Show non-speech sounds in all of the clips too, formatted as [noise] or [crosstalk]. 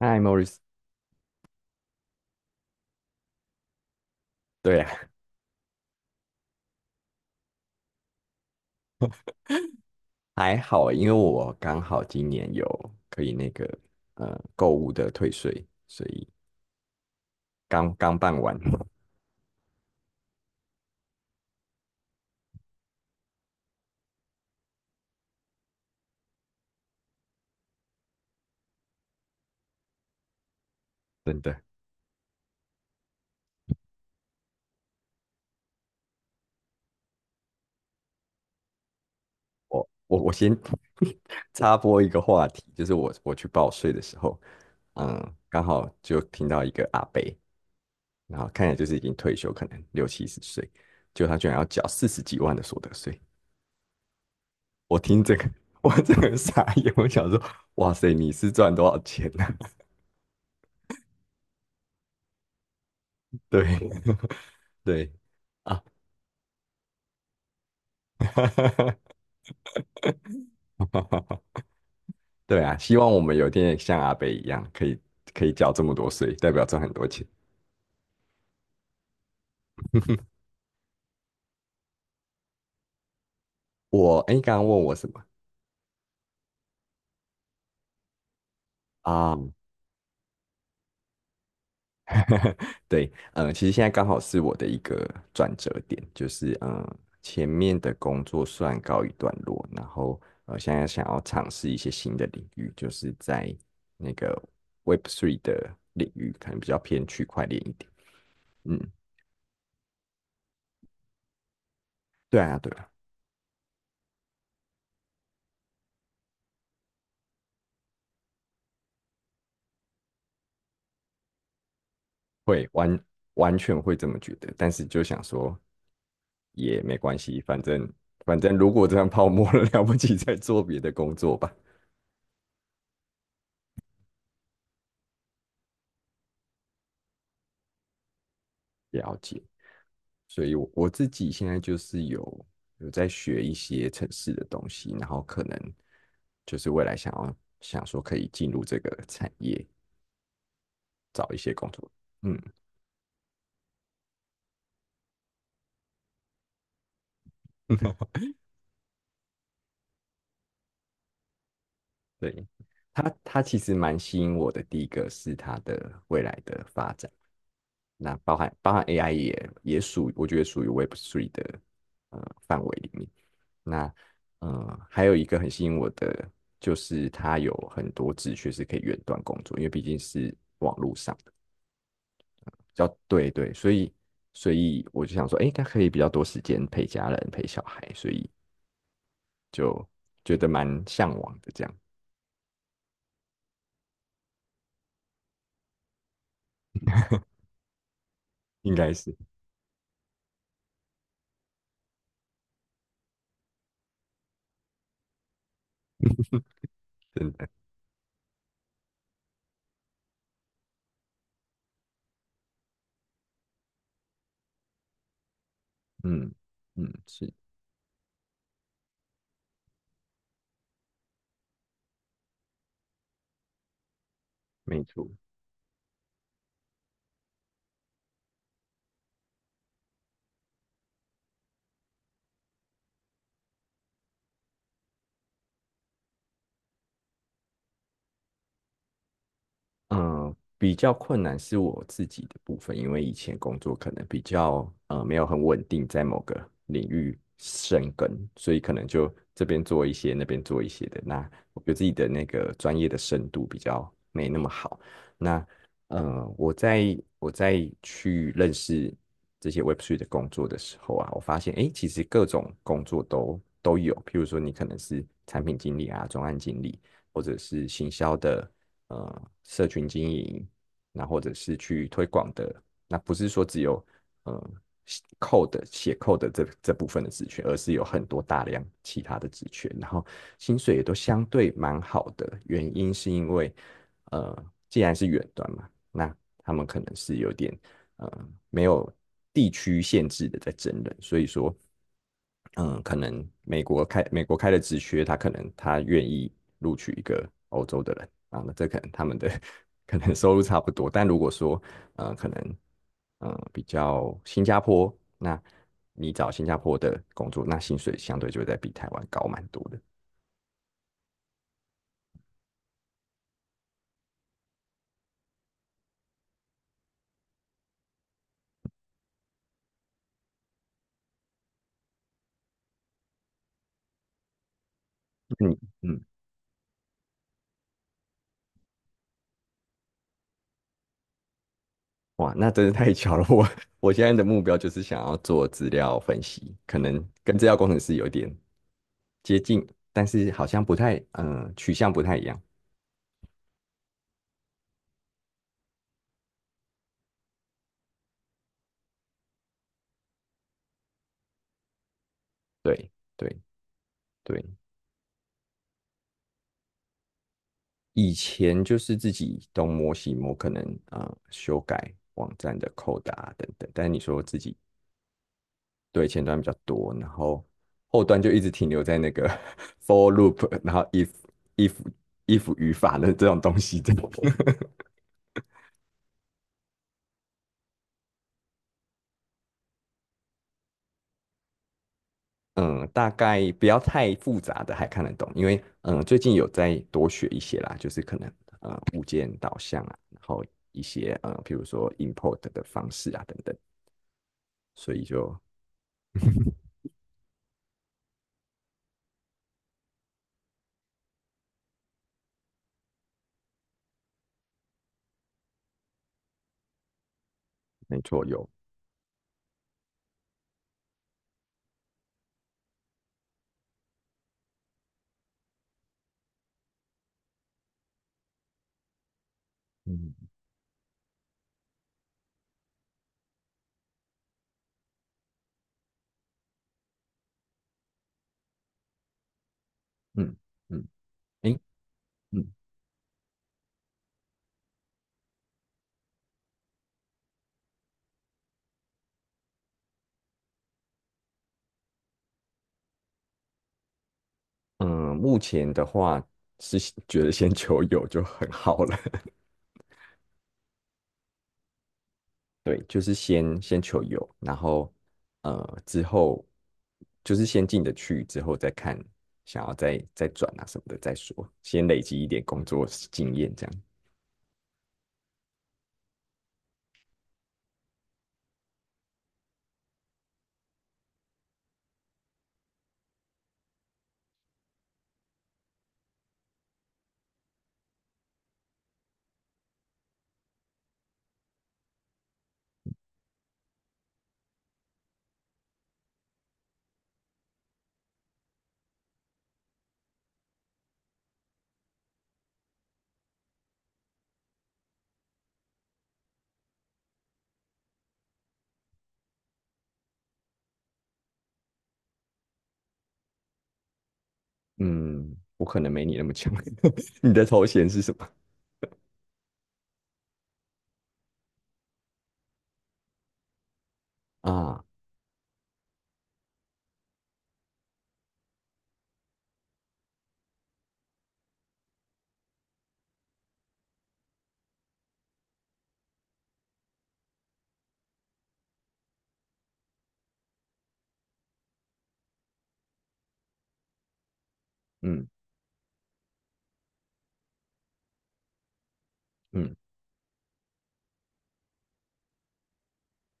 嗨，Morris。对啊，[laughs] 还好欸，因为我刚好今年有可以那个购物的退税，所以刚刚办完。[laughs] 真的。我先 [laughs] 插播一个话题，就是我去报税的时候，嗯，刚好就听到一个阿伯，然后看起来就是已经退休，可能六七十岁，就他居然要缴四十几万的所得税。我听这个，[laughs] 我真个傻眼，我想说，哇塞，你是赚多少钱呢？[laughs] 对。 [laughs] 对。啊，[laughs] 对啊，希望我们有一天像阿北一样，可以缴这么多税，代表赚很多钱。[laughs] 我哎，诶刚刚问我什么啊？[laughs] 对。其实现在刚好是我的一个转折点，就是前面的工作算告一段落，然后，现在想要尝试一些新的领域，就是在那个 Web Three 的领域，可能比较偏区块链一点。嗯，对啊，对啊，会完完全会这么觉得，但是就想说，也没关系，反正如果这样泡沫了，[laughs] 了不起再做别的工作吧。了解。所以我自己现在就是有在学一些城市的东西，然后可能就是未来想要想说可以进入这个产业找一些工作。嗯，[laughs] 对。他其实蛮吸引我的。第一个是他的未来的发展，那包含 AI 也也属，我觉得属于 Web Three 的呃范围里面。那，还有一个很吸引我的，就是它有很多职缺是可以远端工作，因为毕竟是要对对，所以我就想说，诶，它可以比较多时间陪家人、陪小孩，所以就觉得蛮向往的这样，应该是真的。嗯嗯，是没错。嗯，比较困难是我自己的部分，因为以前工作可能比较没有很稳定，在某个领域深耕，所以可能就这边做一些，那边做一些的。那我觉得自己的那个专业的深度比较没那么好。那，我在去认识这些 Web3 的工作的时候啊，我发现诶，其实各种工作都有，譬如说你可能是产品经理啊、专案经理，或者是行销的社群经营，那或者是去推广的，那不是说只有呃 写 code 这部分的职权，而是有很多大量其他的职权，然后薪水也都相对蛮好的，原因是因为呃既然是远端嘛，那他们可能是有点呃没有地区限制的在真人，所以说嗯，可能美国开的职缺，他可能他愿意录取一个欧洲的人啊，那这可能他们的 [laughs] 可能收入差不多，但如果说可能比较新加坡，那你找新加坡的工作，那薪水相对就会在比台湾高蛮多的。嗯嗯，哇，那真是太巧了，[laughs] 我现在的目标就是想要做资料分析，可能跟资料工程师有点接近，但是好像不太取向不太一样。对对。对，以前就是自己东摸西摸，可能修改网站的扣打啊等等，但是你说自己对前端比较多，然后后端就一直停留在那个 [laughs] for loop，然后 if if 语法的这种东西这种 [laughs] 嗯，大概不要太复杂的还看得懂，因为最近有在多学一些啦，就是可能物件导向啊，然后一些比如说 import 的方式啊等等，所以就没错有嗯。嗯嗯，诶，嗯嗯，目前的话是觉得先求有就很好了。[laughs] 对，就是先求有，然后之后就是先进得去，之后再看想要再转啊什么的再说，先累积一点工作经验这样。嗯，我可能没你那么强。[laughs] 你的头衔是什么啊？嗯嗯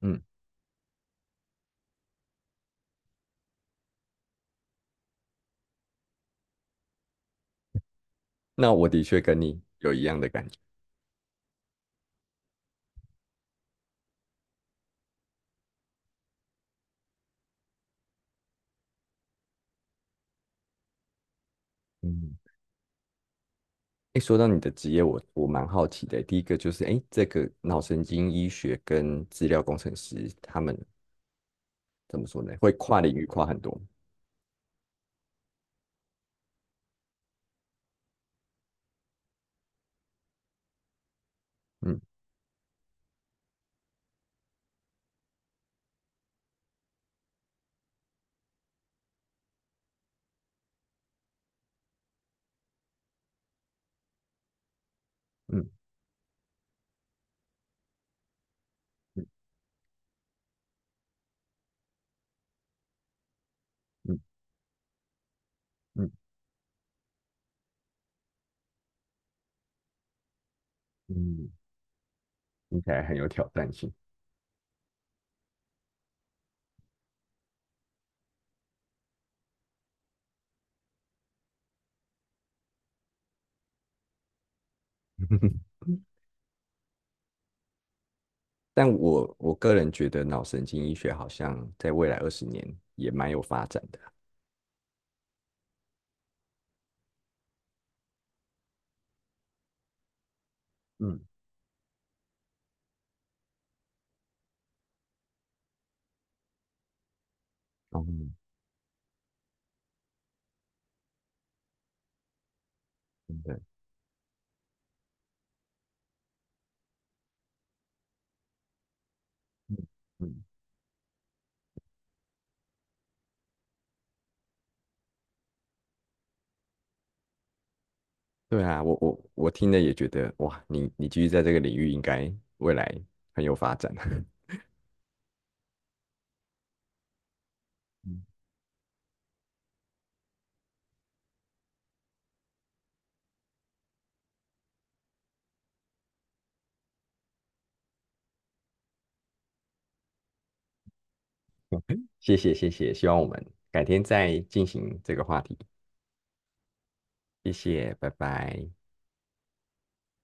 嗯，那我的确跟你有一样的感觉。嗯。哎，说到你的职业，我蛮好奇的。第一个就是，哎，这个脑神经医学跟资料工程师，他们怎么说呢？会跨领域跨很多。嗯嗯嗯嗯嗯嗯，听起来很有挑战性。[laughs] 但我个人觉得脑神经医学好像在未来20年也蛮有发展的。嗯，哦，真的嗯嗯，对啊，我听了也觉得，哇，你继续在这个领域，应该未来很有发展。[laughs] [laughs] 谢谢谢谢，希望我们改天再进行这个话题，谢谢，拜拜。